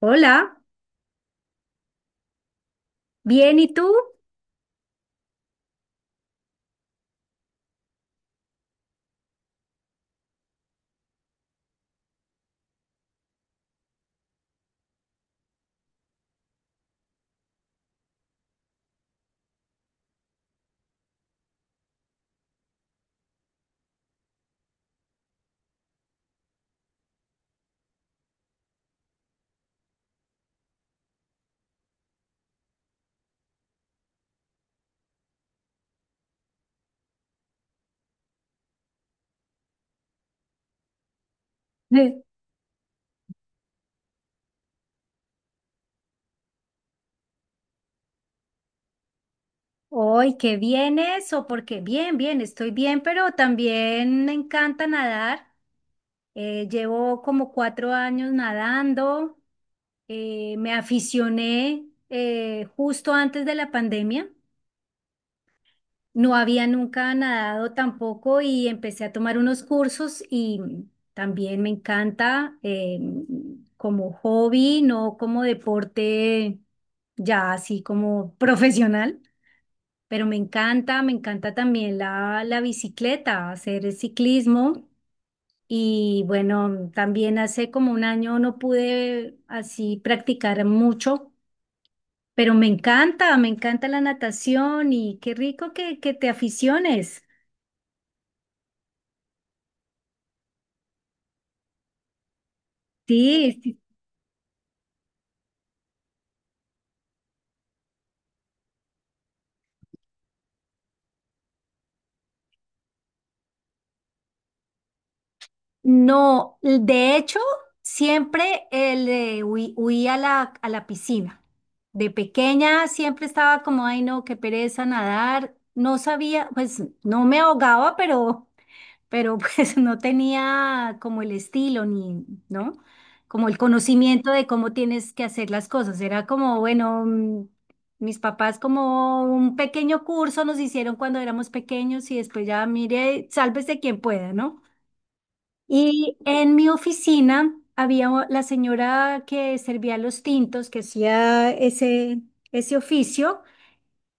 Hola, ¿bien y tú? Sí. Hoy, qué bien eso, porque bien, bien, estoy bien, pero también me encanta nadar. Llevo como 4 años nadando. Me aficioné justo antes de la pandemia. No había nunca nadado tampoco y empecé a tomar unos cursos y también me encanta como hobby, no como deporte ya así como profesional. Pero me encanta también la bicicleta, hacer el ciclismo. Y bueno, también hace como un año no pude así practicar mucho, pero me encanta la natación y qué rico que te aficiones. Sí, sí, sí. No, de hecho, siempre le huí a la piscina. De pequeña siempre estaba como, ay no, qué pereza nadar. No sabía, pues no me ahogaba, pero pues no tenía como el estilo ni, ¿no? Como el conocimiento de cómo tienes que hacer las cosas. Era como, bueno, mis papás como un pequeño curso nos hicieron cuando éramos pequeños y después ya mire, sálvese quien pueda, ¿no? Y en mi oficina había la señora que servía los tintos, que hacía ese oficio,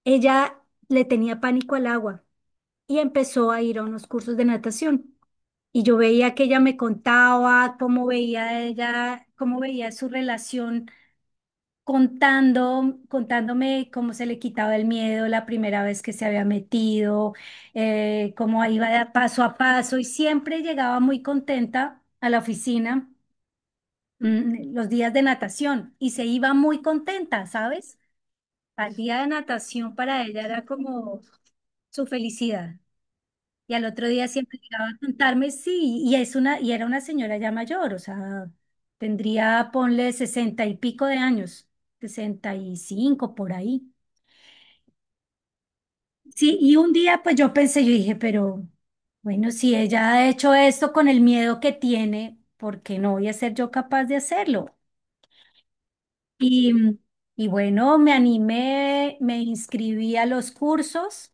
ella le tenía pánico al agua y empezó a ir a unos cursos de natación. Y yo veía que ella me contaba cómo veía ella, cómo veía su relación contándome cómo se le quitaba el miedo la primera vez que se había metido, cómo iba de paso a paso y siempre llegaba muy contenta a la oficina, los días de natación y se iba muy contenta, ¿sabes? Al día de natación para ella era como su felicidad. Y al otro día siempre llegaba a contarme, sí, y era una señora ya mayor, o sea, tendría, ponle sesenta y pico de años, 65 por ahí. Sí, y un día pues yo pensé, yo dije, pero bueno, si ella ha hecho esto con el miedo que tiene, ¿por qué no voy a ser yo capaz de hacerlo? Y, y bueno, me animé, me inscribí a los cursos.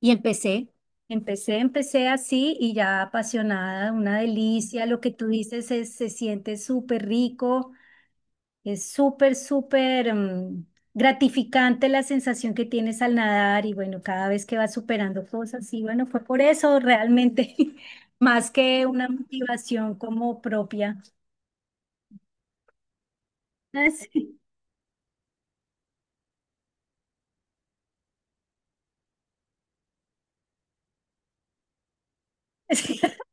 Y empecé. Empecé así y ya apasionada, una delicia. Lo que tú dices es, se siente súper rico, es súper, súper gratificante la sensación que tienes al nadar y bueno, cada vez que vas superando cosas y bueno, fue por eso realmente, más que una motivación como propia.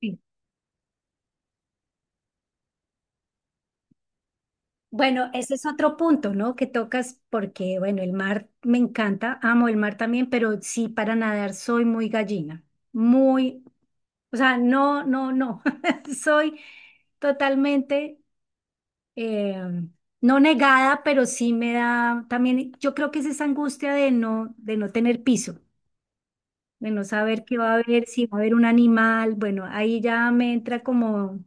Sí. Bueno, ese es otro punto, ¿no? Que tocas porque, bueno, el mar me encanta, amo el mar también, pero sí para nadar soy muy gallina, muy, o sea, no, no, no, soy totalmente, eh, no negada, pero sí me da también, yo creo que es esa angustia de no tener piso, de no saber qué va a haber, si va a haber un animal, bueno, ahí ya me entra como,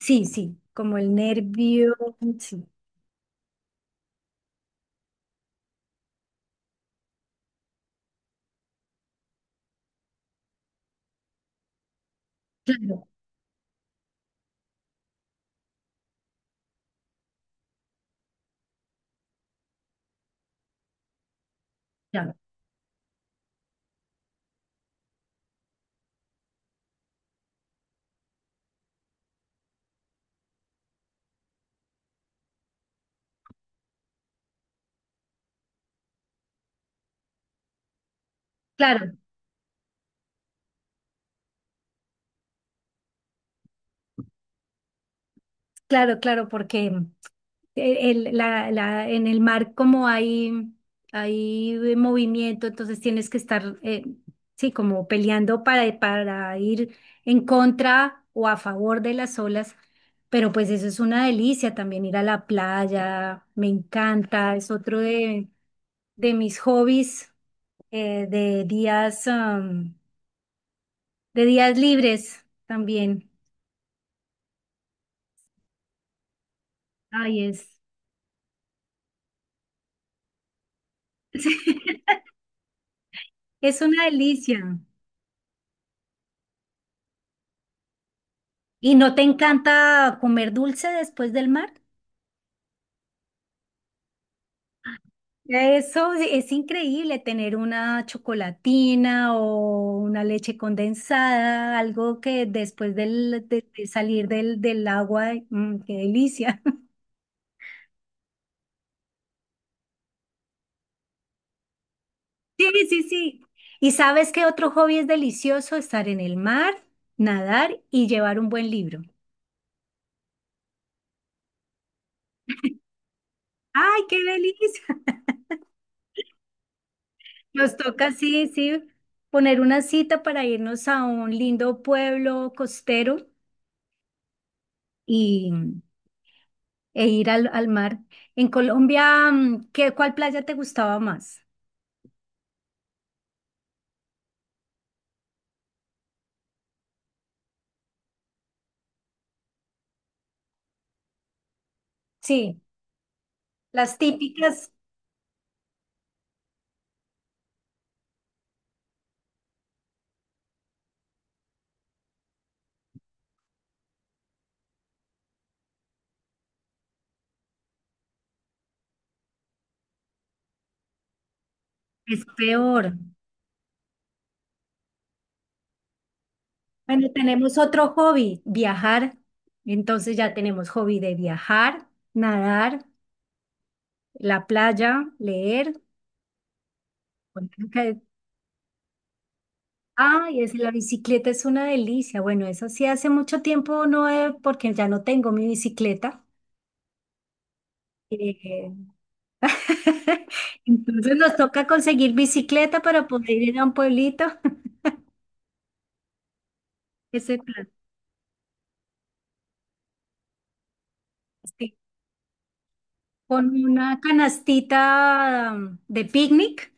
sí, sí, como el nervio, sí, claro, claro, claro. Claro, claro, porque en el mar como hay movimiento, entonces tienes que estar, sí, como peleando para ir en contra o a favor de las olas, pero pues eso es una delicia también ir a la playa, me encanta, es otro de mis hobbies, eh, de días, am, de días libres también. Ay, es una delicia. ¿Y no te encanta comer dulce después del mar? Eso es increíble, tener una chocolatina o una leche condensada, algo que después de salir del agua, qué delicia. Sí, sí, sí. ¿Y sabes qué otro hobby es delicioso? Estar en el mar, nadar y llevar un buen libro. ¡Ay, qué delicia! Nos toca, sí, sí, poner una cita para irnos a un lindo pueblo costero y, e ir al mar. En Colombia, ¿cuál playa te gustaba más? Sí, las típicas es peor. Bueno, tenemos otro hobby, viajar. Entonces ya tenemos hobby de viajar, nadar, la playa, leer. Bueno, creo que- Ay, la bicicleta es una delicia. Bueno, eso sí hace mucho tiempo no, porque ya no tengo mi bicicleta. Eh, Entonces nos toca conseguir bicicleta para poder ir a un pueblito. Ese plan, sí. Con una canastita de picnic.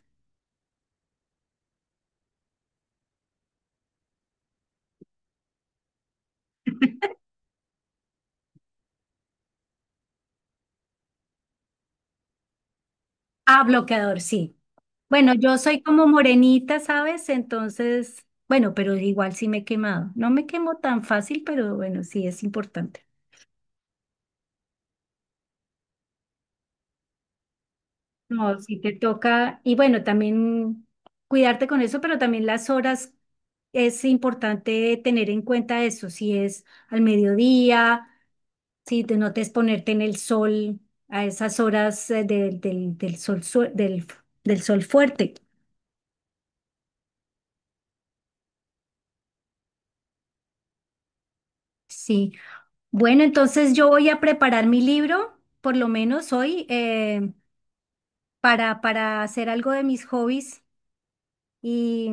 Ah, bloqueador, sí. Bueno, yo soy como morenita, ¿sabes? Entonces, bueno, pero igual sí me he quemado. No me quemo tan fácil, pero bueno, sí es importante. No, sí te toca. Y bueno, también cuidarte con eso, pero también las horas es importante tener en cuenta eso. Si es al mediodía. Sí, te notes ponerte en el sol a esas horas del sol, del sol fuerte. Sí. Bueno, entonces yo voy a preparar mi libro, por lo menos hoy, para hacer algo de mis hobbies. Y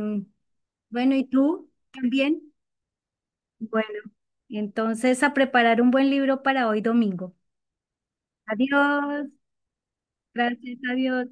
bueno, ¿y tú también? Bueno, entonces a preparar un buen libro para hoy domingo. Adiós. Gracias, adiós.